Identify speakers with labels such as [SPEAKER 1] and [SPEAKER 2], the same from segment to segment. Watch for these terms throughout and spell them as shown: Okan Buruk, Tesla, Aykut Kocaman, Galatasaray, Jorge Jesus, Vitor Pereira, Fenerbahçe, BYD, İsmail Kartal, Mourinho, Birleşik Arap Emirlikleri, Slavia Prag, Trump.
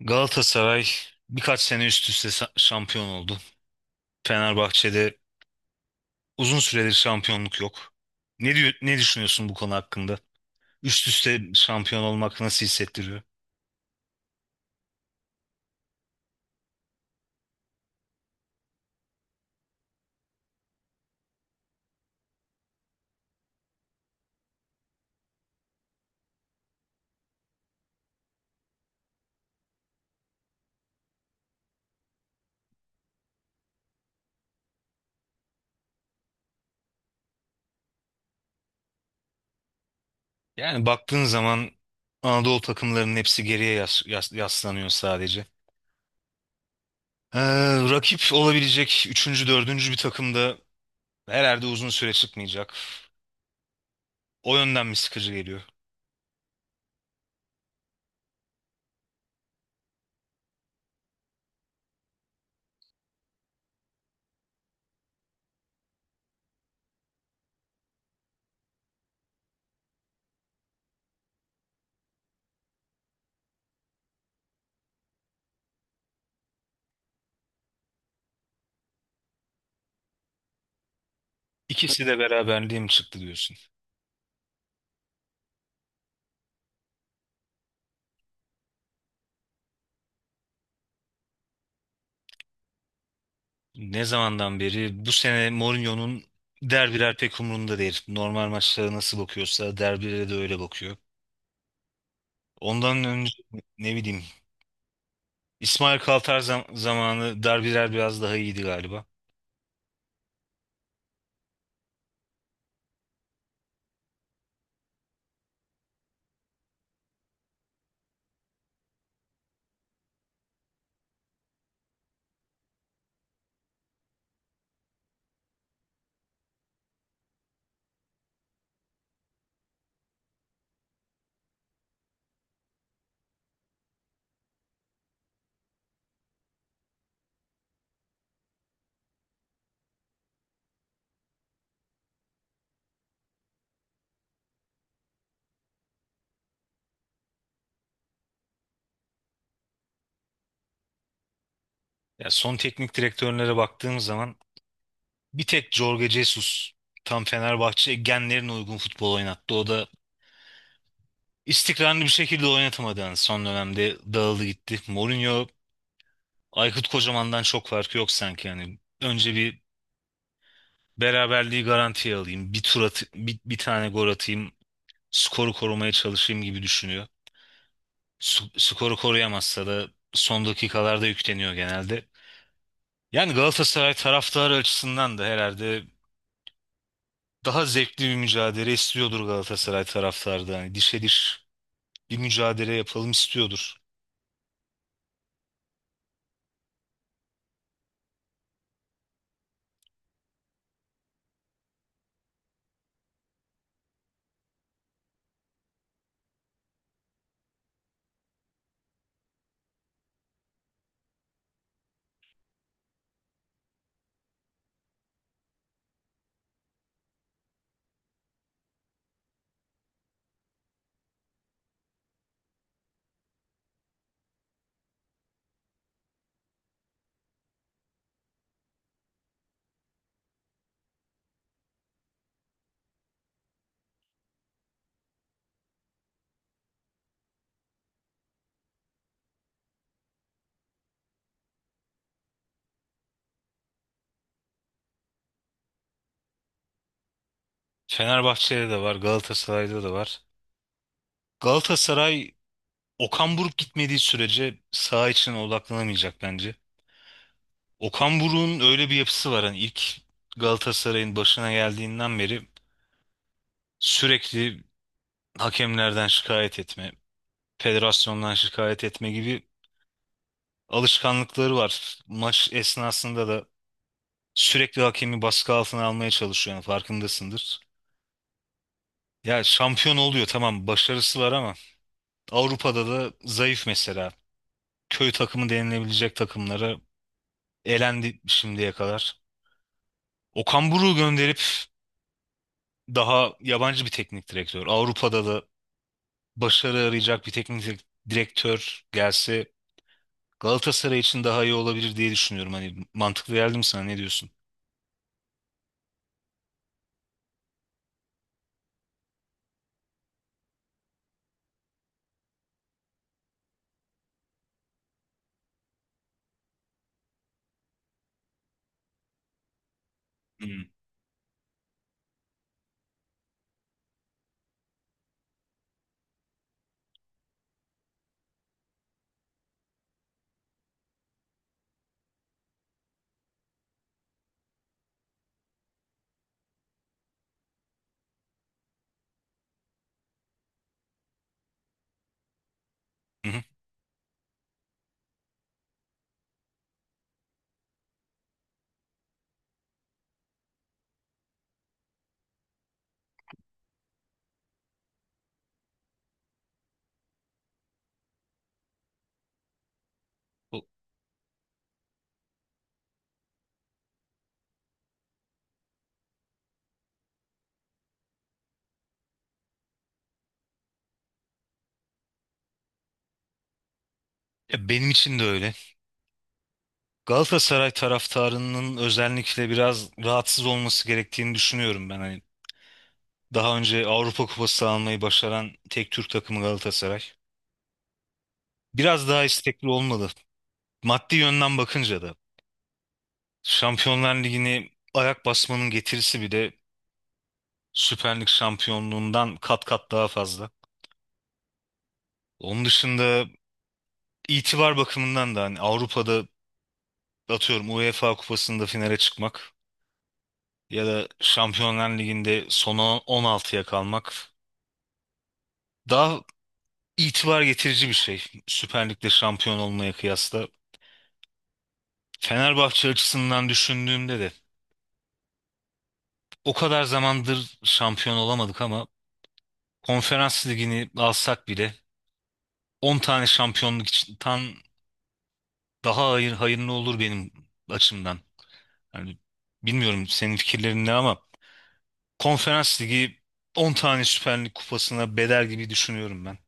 [SPEAKER 1] Galatasaray birkaç sene üst üste şampiyon oldu. Fenerbahçe'de uzun süredir şampiyonluk yok. Ne diyor, ne düşünüyorsun bu konu hakkında? Üst üste şampiyon olmak nasıl hissettiriyor? Yani baktığın zaman Anadolu takımlarının hepsi geriye yaslanıyor sadece. Ee, Rakip olabilecek üçüncü, dördüncü bir takım da herhalde uzun süre çıkmayacak. O yönden mi sıkıcı geliyor? İkisi de beraberliğe mi çıktı diyorsun? Ne zamandan beri bu sene Mourinho'nun derbiler pek umurunda değil. Normal maçlara nasıl bakıyorsa derbilere de öyle bakıyor. Ondan önce ne bileyim İsmail Kartal zamanı derbiler biraz daha iyiydi galiba. Ya son teknik direktörlere baktığım zaman bir tek Jorge Jesus tam Fenerbahçe genlerine uygun futbol oynattı. O da istikrarlı bir şekilde oynatamadı yani son dönemde dağıldı gitti. Mourinho Aykut Kocaman'dan çok farkı yok sanki yani. Önce bir beraberliği garantiye alayım. Bir tur at, bir tane gol atayım. Skoru korumaya çalışayım gibi düşünüyor. Skoru koruyamazsa da son dakikalarda yükleniyor genelde. Yani Galatasaray taraftarı açısından da herhalde daha zevkli bir mücadele istiyordur Galatasaray taraftarı da. Hani dişe diş bir mücadele yapalım istiyordur. Fenerbahçe'de de var, Galatasaray'da da var. Galatasaray Okan Buruk gitmediği sürece saha içine odaklanamayacak bence. Okan Buruk'un öyle bir yapısı var. Hani ilk Galatasaray'ın başına geldiğinden beri sürekli hakemlerden şikayet etme, federasyondan şikayet etme gibi alışkanlıkları var. Maç esnasında da sürekli hakemi baskı altına almaya çalışıyor. Yani farkındasındır. Ya şampiyon oluyor, tamam, başarısı var ama Avrupa'da da zayıf mesela. Köy takımı denilebilecek takımlara elendi şimdiye kadar. Okan Buruk'u gönderip daha yabancı bir teknik direktör, Avrupa'da da başarı arayacak bir teknik direktör gelse Galatasaray için daha iyi olabilir diye düşünüyorum. Hani mantıklı geldi mi, sana ne diyorsun? Hmm. Hı hı. O- Ya benim için de öyle. Galatasaray taraftarının özellikle biraz rahatsız olması gerektiğini düşünüyorum ben. Hani daha önce Avrupa Kupası almayı başaran tek Türk takımı Galatasaray. Biraz daha istekli olmalı. Maddi yönden bakınca da Şampiyonlar Ligi'ni ayak basmanın getirisi bir de Süper Lig şampiyonluğundan kat kat daha fazla. Onun dışında itibar bakımından da hani Avrupa'da atıyorum UEFA Kupası'nda finale çıkmak ya da Şampiyonlar Ligi'nde son 16'ya kalmak daha itibar getirici bir şey. Süper Lig'de şampiyon olmaya kıyasla. Fenerbahçe açısından düşündüğümde de o kadar zamandır şampiyon olamadık ama Konferans Ligi'ni alsak bile 10 tane şampiyonluk için daha hayır, hayırlı olur benim açımdan. Yani bilmiyorum senin fikirlerin ne ama Konferans Ligi 10 tane Süper Lig kupasına bedel gibi düşünüyorum ben.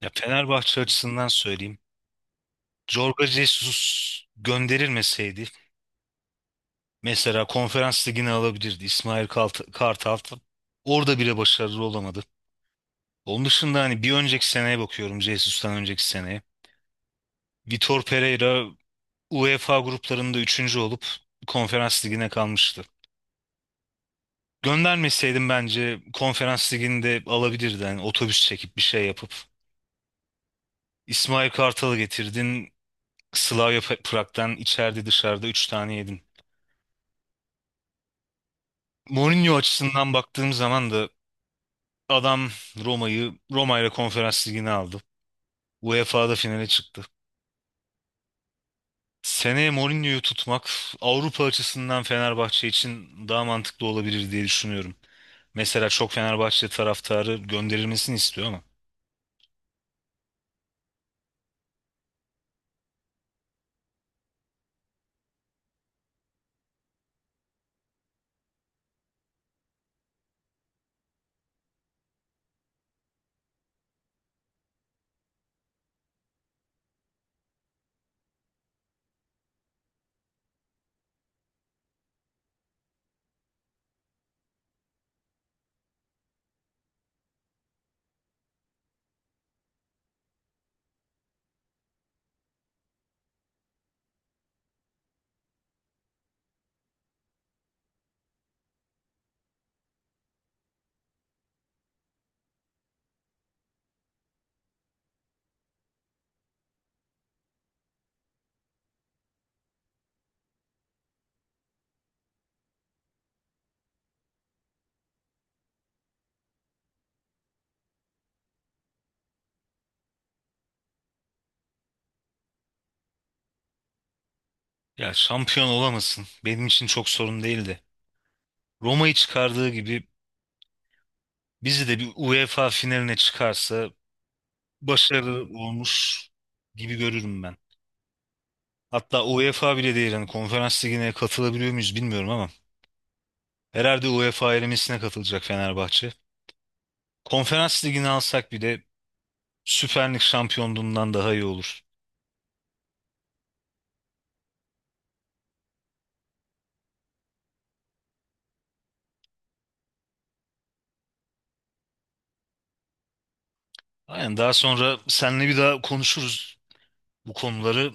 [SPEAKER 1] Ya Fenerbahçe açısından söyleyeyim. Jorge Jesus gönderilmeseydi mesela Konferans Ligi'ni alabilirdi İsmail Kartal. Orada bile başarılı olamadı. Onun dışında hani bir önceki seneye bakıyorum, Jesus'tan önceki seneye. Vitor Pereira UEFA gruplarında üçüncü olup Konferans Ligi'ne kalmıştı. Göndermeseydim bence konferans liginde alabilirdi. Yani otobüs çekip bir şey yapıp. İsmail Kartal'ı getirdin. Slavia Prag'dan içeride dışarıda 3 tane yedin. Mourinho açısından baktığım zaman da adam Roma'yı Roma ile konferans ligine aldı. UEFA'da finale çıktı. Seneye Mourinho'yu tutmak Avrupa açısından Fenerbahçe için daha mantıklı olabilir diye düşünüyorum. Mesela çok Fenerbahçe taraftarı gönderilmesini istiyor ama ya şampiyon olamasın, benim için çok sorun değildi. Roma'yı çıkardığı gibi bizi de bir UEFA finaline çıkarsa başarı olmuş gibi görürüm ben. Hatta UEFA bile değil, hani konferans ligine katılabiliyor muyuz bilmiyorum ama herhalde UEFA elemesine katılacak Fenerbahçe. Konferans ligini alsak bile Süper Lig şampiyonluğundan daha iyi olur. Aynen, daha sonra seninle bir daha konuşuruz bu konuları.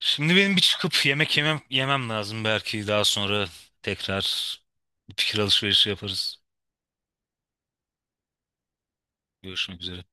[SPEAKER 1] Şimdi benim bir çıkıp yemek yemem lazım, belki daha sonra tekrar bir fikir alışverişi yaparız. Görüşmek üzere.